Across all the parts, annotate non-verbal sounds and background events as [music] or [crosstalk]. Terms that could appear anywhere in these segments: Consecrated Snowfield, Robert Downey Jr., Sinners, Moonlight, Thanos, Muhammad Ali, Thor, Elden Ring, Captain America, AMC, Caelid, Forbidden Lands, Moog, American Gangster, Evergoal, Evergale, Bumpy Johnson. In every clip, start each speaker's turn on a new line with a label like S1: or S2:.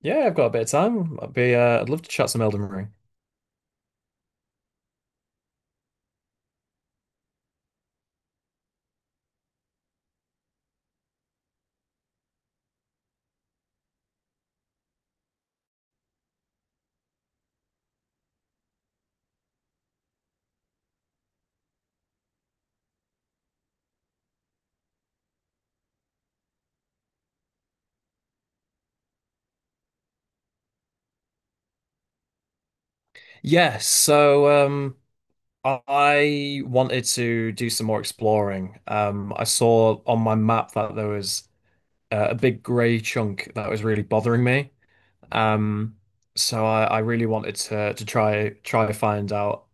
S1: Yeah, I've got a bit of time. I'd be, I'd love to chat some Elden Ring. Yes, Yeah, so I wanted to do some more exploring. I saw on my map that there was a big grey chunk that was really bothering me. Um, so I really wanted to to try find out.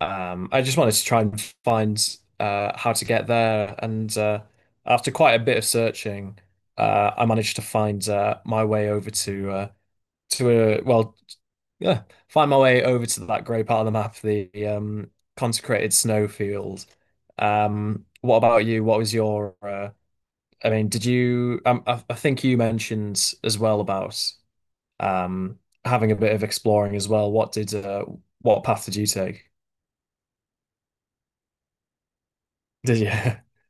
S1: I just wanted to try and find how to get there. And after quite a bit of searching, I managed to find my way over to. Uh, to a well Yeah, find my way over to that grey part of the map, the consecrated snowfield. What about you? What was your? I mean, did you? I think you mentioned as well about um, having a bit of exploring as well. What path did you take? Did you? [laughs]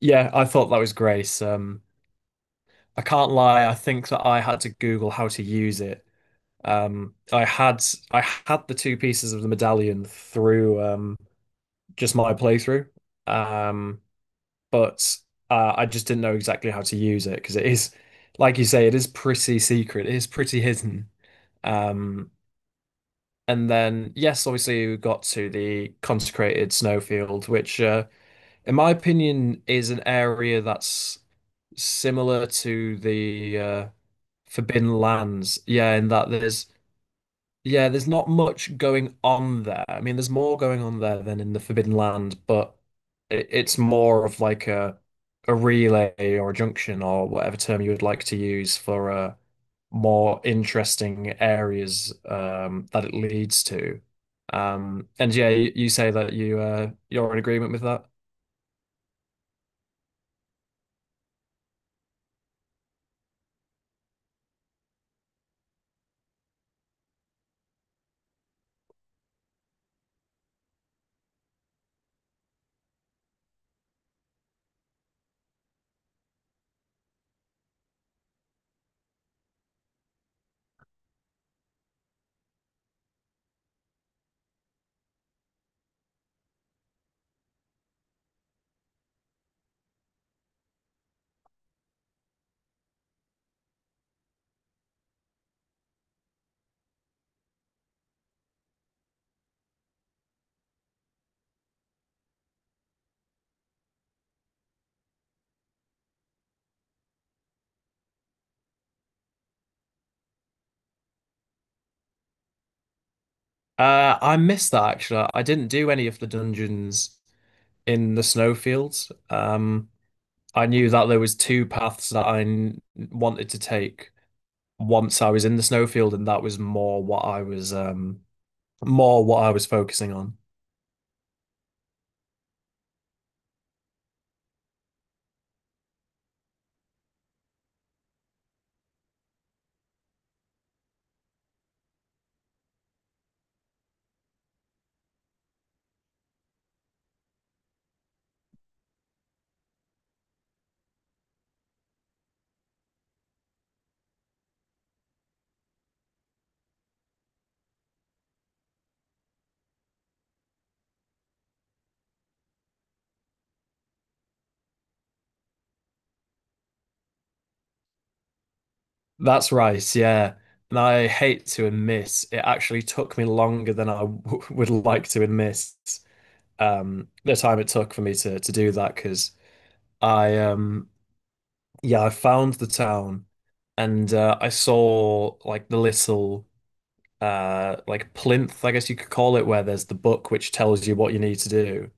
S1: Yeah, I thought that was great. I can't lie. I think that I had to Google how to use it. Um, I had I had the two pieces of the medallion through. Just my playthrough. Um, but I just didn't know exactly how to use it because it is, like you say, it is pretty secret. It is pretty hidden. Um, and then yes, obviously we got to the consecrated snowfield, which, in my opinion, is an area that's similar to the Forbidden Lands. Yeah, in that there's not much going on there. I mean, there's more going on there than in the Forbidden Land, but it's more of like a relay or a junction or whatever term you would like to use for more interesting areas that it leads to. And yeah, you say that you you're in agreement with that. I missed that actually. I didn't do any of the dungeons in the snowfields. I knew that there was two paths that I wanted to take once I was in the snowfield, and that was more what I was more what I was focusing on. That's right, yeah. And I hate to admit, it actually took me longer than I w [laughs] would like to admit the time it took for me to do that because I yeah I found the town and I saw like the little like plinth, I guess you could call it, where there's the book which tells you what you need to do.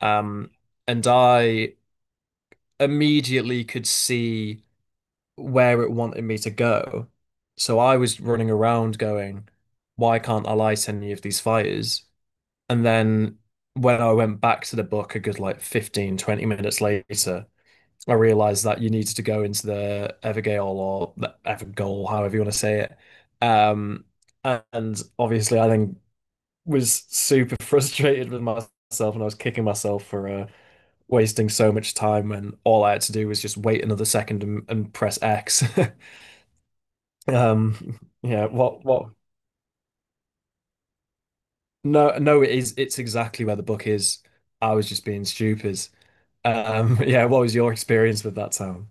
S1: Um, and I immediately could see where it wanted me to go. So I was running around going, why can't I light any of these fires? And then when I went back to the book a good like 15, 20 minutes later, I realized that you needed to go into the Evergale or the Evergoal, however you want to say it. Um, and obviously, I then was super [laughs] frustrated with myself and I was kicking myself for wasting so much time when all I had to do was just wait another second and press X. [laughs] Yeah, what no no it is it's exactly where the book is. I was just being stupid. [laughs] Yeah, what was your experience with that town?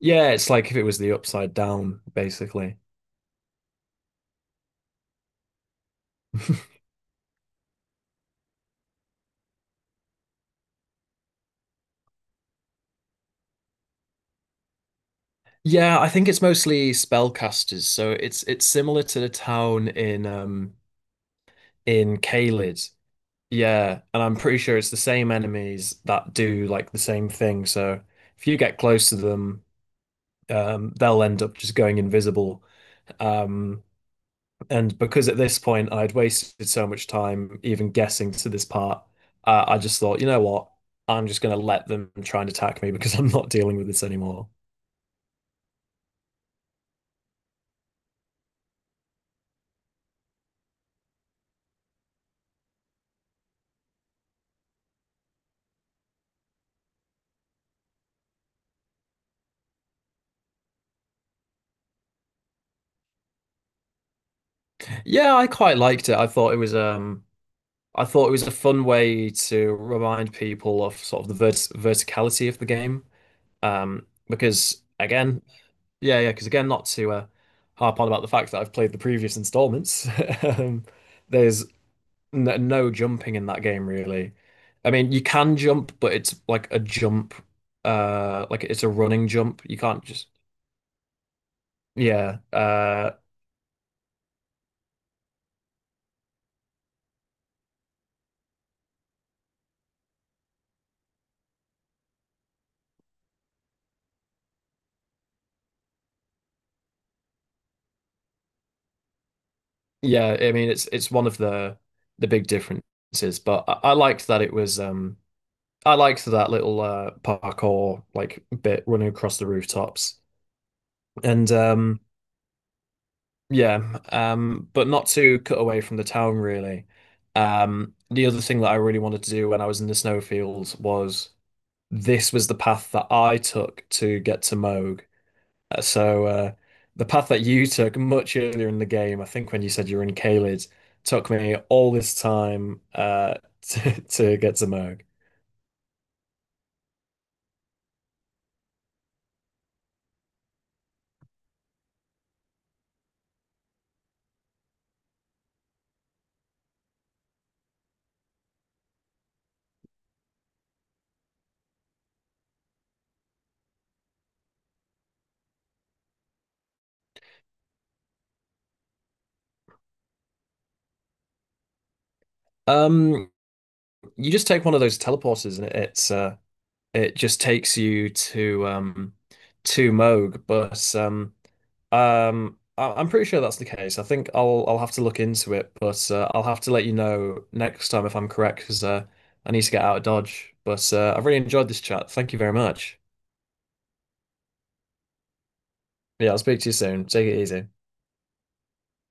S1: Yeah, it's like if it was the upside down, basically. [laughs] Yeah, I think it's mostly spellcasters. So it's similar to the town in in Caelid. Yeah, and I'm pretty sure it's the same enemies that do like the same thing. So if you get close to them, they'll end up just going invisible. Um, and because at this point I'd wasted so much time even guessing to this part, I just thought, you know what? I'm just gonna let them try and attack me because [laughs] I'm not dealing with this anymore. Yeah, I quite liked it. I thought it was a fun way to remind people of sort of the verticality of the game. Because again, yeah, yeah, because again, not to harp on about the fact that I've played the previous installments, [laughs] um, there's n no jumping in that game really. I mean, you can jump, but it's like a jump, like it's a running jump. You can't just, yeah, yeah. I mean, it's one of the big differences, but I liked that it was, I liked that little parkour like bit running across the rooftops, and. Yeah, but not to cut away from the town really. The other thing that I really wanted to do when I was in the snowfields was this was the path that I took to get to Moog. So the path that you took much earlier in the game, I think when you said you were in Caelid, took me all this time [laughs] to get to Moog. Um, you just take one of those teleporters and it just takes you to Moog, but I'm pretty sure that's the case. I think I'll have to look into it, but I'll have to let you know next time if I'm correct because I need to get out of Dodge. But I've really enjoyed this chat. Thank you very much. Yeah, I'll speak to you soon. Take it easy.